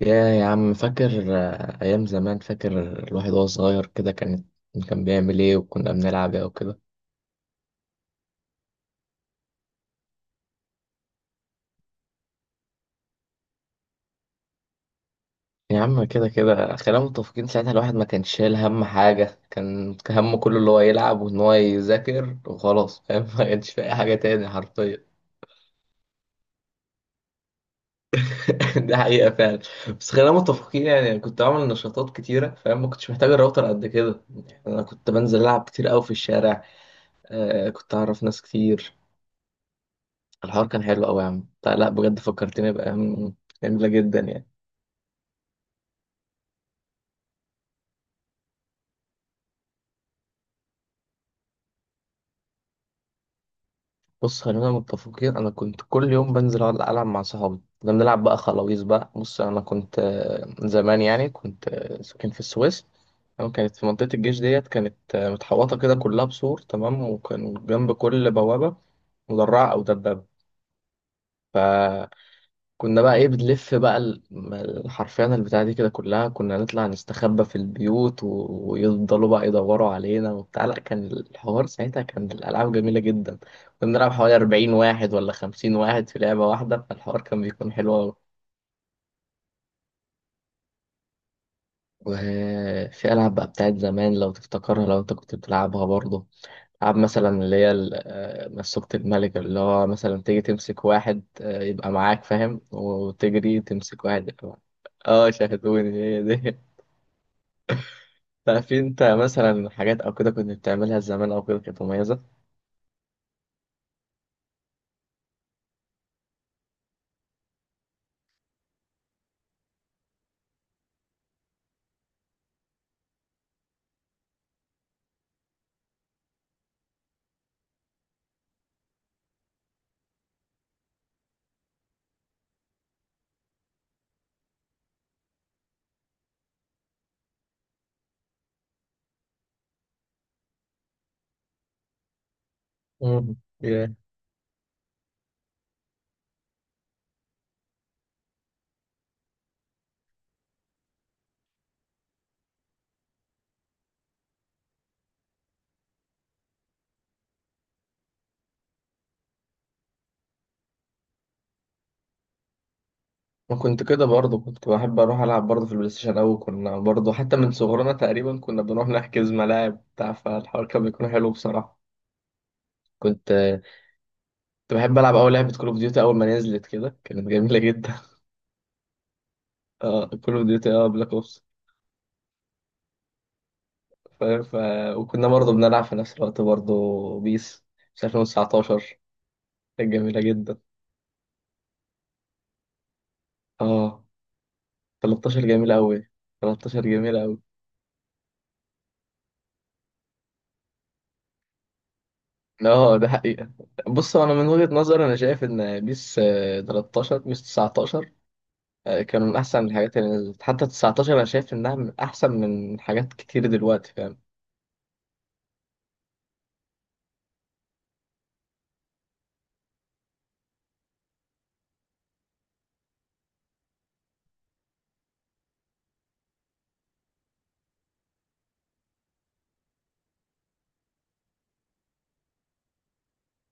يا عم فاكر، أيام زمان. فاكر الواحد وهو صغير كده، كان بيعمل إيه، وكنا بنلعب إيه وكده. يا عم، كده كده خلينا متفقين، ساعتها الواحد ما كانش شايل هم حاجة. كان همه كله اللي هو يلعب، وإن هو يذاكر، وخلاص، فاهم؟ ما كانش في أي حاجة تاني حرفيا. دي حقيقة فعلا. بس خلينا متفقين، يعني أنا كنت بعمل نشاطات كتيرة، فاهم؟ ما كنتش محتاج الراوتر قد كده. يعني أنا كنت بنزل ألعب كتير أوي في الشارع. آه، كنت أعرف ناس كتير. الحوار كان حلو قوي يا عم، لا لا، بجد فكرتني بأيام جميلة جدا يعني. بص، خلينا متفقين، أنا كنت كل يوم بنزل أقعد ألعب مع صحابي، كنا بنلعب بقى خلاويص. بقى بص، أنا كنت زمان يعني، كنت ساكن في السويس، تمام؟ كانت في منطقة الجيش ديت، كانت متحوطة كده كلها بسور، تمام، وكان جنب كل بوابة مدرعة أو دبابة. ف كنا بقى ايه، بنلف بقى حرفيا البتاعة دي كده كلها، كنا نطلع نستخبى في البيوت و ويفضلوا بقى يدوروا علينا وبتاع. لا، كان الحوار ساعتها، كان الألعاب جميلة جدا. كنا بنلعب حوالي 40 واحد ولا 50 واحد في لعبة واحدة، فالحوار كان بيكون حلو أوي. وفي ألعاب بقى بتاعت زمان، لو تفتكرها، لو أنت كنت بتلعبها برضه. ألعاب مثلا اللي هي مسوكة الملك، اللي هو مثلا تيجي تمسك واحد يبقى معاك، فاهم؟ وتجري تمسك واحد يبقى معاك. اه، شاهدوني، هي دي. لا، في انت مثلا حاجات او كده كنت بتعملها زمان او كده كانت مميزه؟ مم. Yeah. ما كنت كده برضه، كنت بحب اروح العب برضه في البلاي ستيشن. او كنا برضه حتى من صغرنا تقريبا كنا بنروح نحجز ملاعب بتاع فالحوار كان بيكون حلو بصراحه. كنت كنت بحب العب اول لعبه كول اوف ديوتي. اول ما نزلت كده كانت جميله جدا. اه، كول اوف ديوتي، اه، بلاك اوبس. ف... ف... وكنا برضه بنلعب في نفس الوقت برضه بيس، في 2019، كانت جميله جدا. اه، 13 جميله قوي، 13 جميله قوي. اه، ده حقيقة. بص، انا من وجهة نظري انا شايف ان بيس 13، بيس 19، كانوا من احسن الحاجات اللي نزلت. حتى 19 انا شايف انها من احسن من حاجات كتير دلوقتي، فاهم؟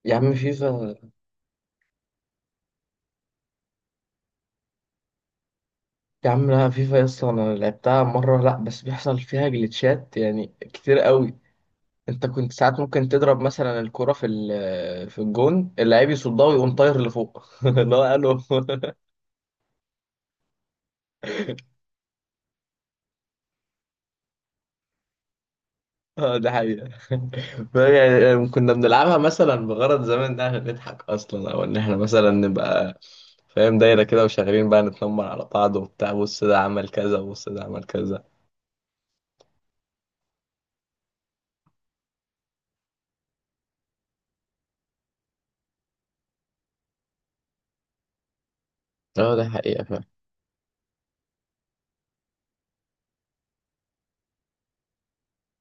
يا عم فيفا. يا عم لا، فيفا يا اسطى انا لعبتها مرة، لا بس بيحصل فيها جليتشات يعني كتير قوي. انت كنت ساعات ممكن تضرب مثلا الكرة في في الجون، اللاعب يصدها ويقوم طاير لفوق. اللي هو قاله. اه، ده حقيقة. يعني كنا بنلعبها مثلا بغرض زمان ده عشان نضحك اصلا، او ان احنا مثلا نبقى فاهم، دايرة كده وشغالين بقى نتنمر على بعض وبتاع. بص ده عمل كذا، وبص ده عمل كذا. اه، ده حقيقة فعلا.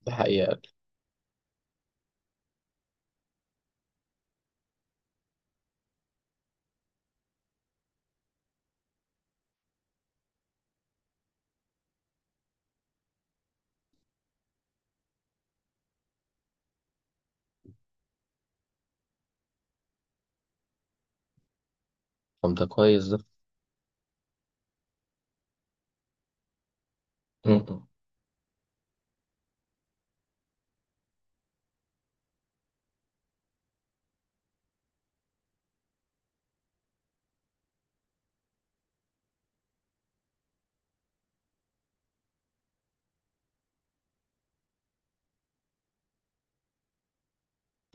ده حقيقة. طب ده كويس ده. م-م.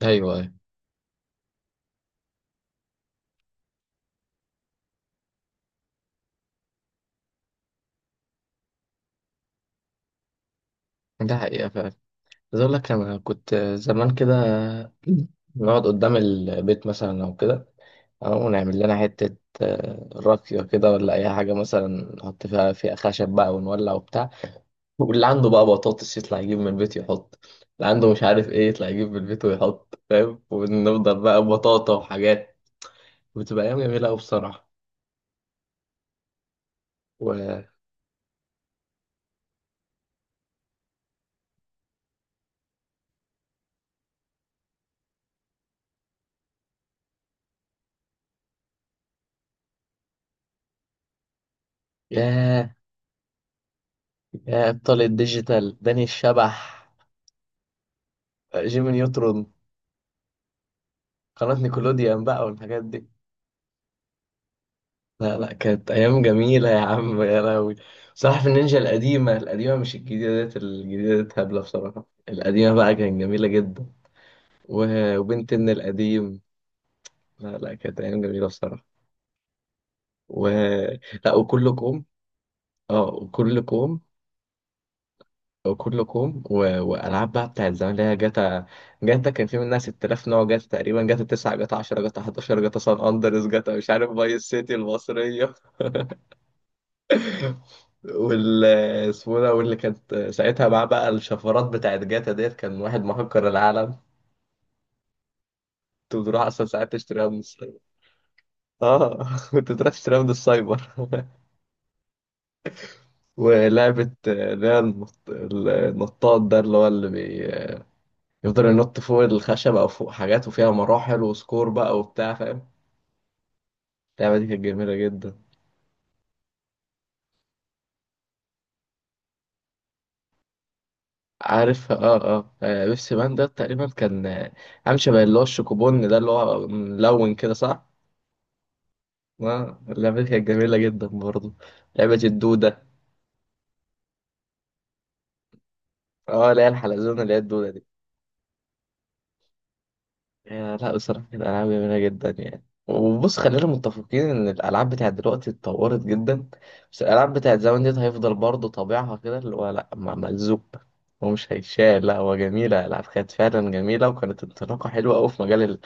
ايوه، ايوه. ده حقيقة فعلا. عايز اقول لك، انا كنت زمان كده نقعد قدام البيت مثلا او كده، او نعمل لنا حتة راقية كده ولا اي حاجة مثلا. نحط فيها خشب بقى ونولع وبتاع، واللي عنده بقى بطاطس يطلع يجيب من البيت يحط، اللي عنده مش عارف ايه يطلع يجيب من البيت ويحط، فاهم؟ ونفضل بقى بطاطا وحاجات، بتبقى أيام جميلة أوي بصراحة. و ياه، يا أبطال الديجيتال، داني الشبح، جيمي نيوترون، قناة نيكولوديان بقى والحاجات دي. لا لا، كانت أيام جميلة يا عم، يا لهوي. صراحة، في النينجا القديمة القديمة، مش الجديدة ديت، الجديدة ديت هبلة بصراحة، القديمة بقى كانت جميلة جدا. و وبنت إن القديم. لا لا، كانت أيام جميلة بصراحة. و لا، وكله كوم. اه، وكله كوم. وكله كوم والعاب بقى بتاعت زمان اللي هي جاتا. جاتا كان في منها 6000 نوع جاتا تقريبا، جاتا 9، جاتا 10، جاتا 11، جاتا سان اندرس، جاتا مش عارف، فايس سيتي المصريه. وال اسمه ده، واللي كانت ساعتها معاه بقى الشفرات بتاعت جاتا ديت، كان واحد مهكر العالم. كنت بتروح اصلا ساعات تشتريها من السايبر. اه، كنت بتروح تشتريها من السايبر. ولعبة اللي هي النطاط ده، اللي هو اللي يفضل ينط فوق الخشب او فوق حاجات، وفيها مراحل وسكور بقى وبتاع، فاهم؟ اللعبه دي كانت جميله جدا. عارف، اه، بيبسي مان ده تقريبا كان عامل شبه اللي هو الشوكوبون ده، اللي هو ملون كده، صح؟ اه، اللعبه دي كانت جميله جدا برضه. لعبه الدوده. اه، اللي هي الحلزونه، اللي هي الدوده دي. يا لا، بصراحة كانت ألعاب جميلة جدا يعني. وبص، خلينا متفقين إن الألعاب بتاعت دلوقتي اتطورت جدا، بس الألعاب بتاعت زمان ديت هيفضل برضه طابعها كده، اللي هو لأ، ملزوق، هو مش هيتشال. لأ، هو جميلة، الألعاب كانت فعلا جميلة، وكانت انطلاقة حلوة أوي في مجال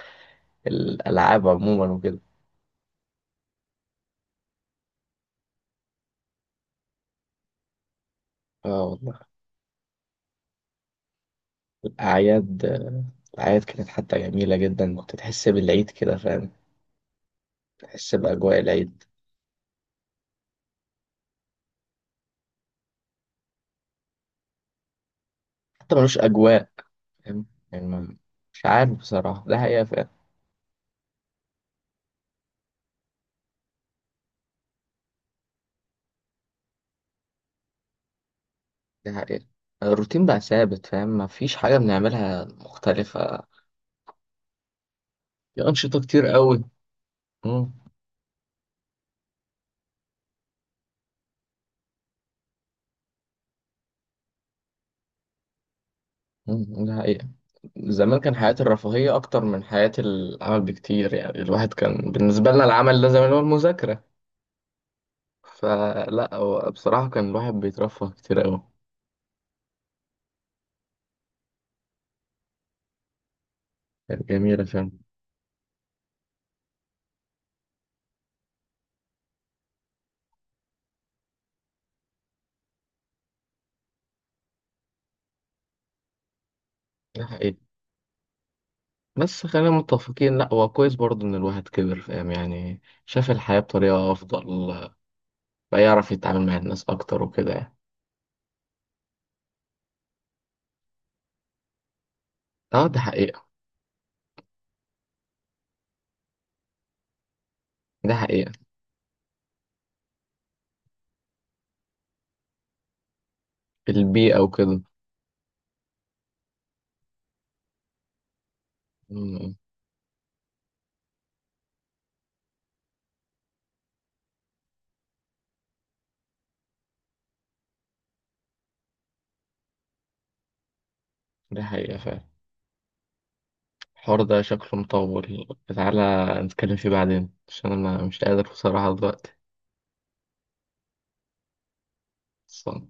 الألعاب عموما وكده. اه والله. الأعياد الأعياد كانت حتى جميلة جدا، كنت تحس بالعيد كده، فاهم؟ تحس بأجواء العيد. حتى ملوش أجواء، فاهم؟ يعني ما- مش عارف بصراحة، ده حقيقة. ده حقيقة. الروتين بقى ثابت، فاهم؟ مفيش حاجة بنعملها مختلفة. في أنشطة كتير قوي. مم. مم. ده حقيقة. زمان كان حياة الرفاهية أكتر من حياة العمل بكتير، يعني الواحد كان بالنسبة لنا العمل ده زمان هو المذاكرة. فلا، هو بصراحة كان الواحد بيترفه كتير أوي، كانت جميلة، فاهم؟ ده حقيقي. بس خلينا متفقين، لا هو كويس برضه إن الواحد كبر، فاهم؟ يعني شاف الحياة بطريقة أفضل، بقى يعرف يتعامل مع الناس أكتر وكده يعني. اه، ده حقيقة. ده حقيقة. البيئة وكده. مم. دي حقيقة فعلا. الحوار ده شكله مطول، تعالى نتكلم فيه بعدين، عشان أنا مش قادر بصراحة دلوقتي. صح.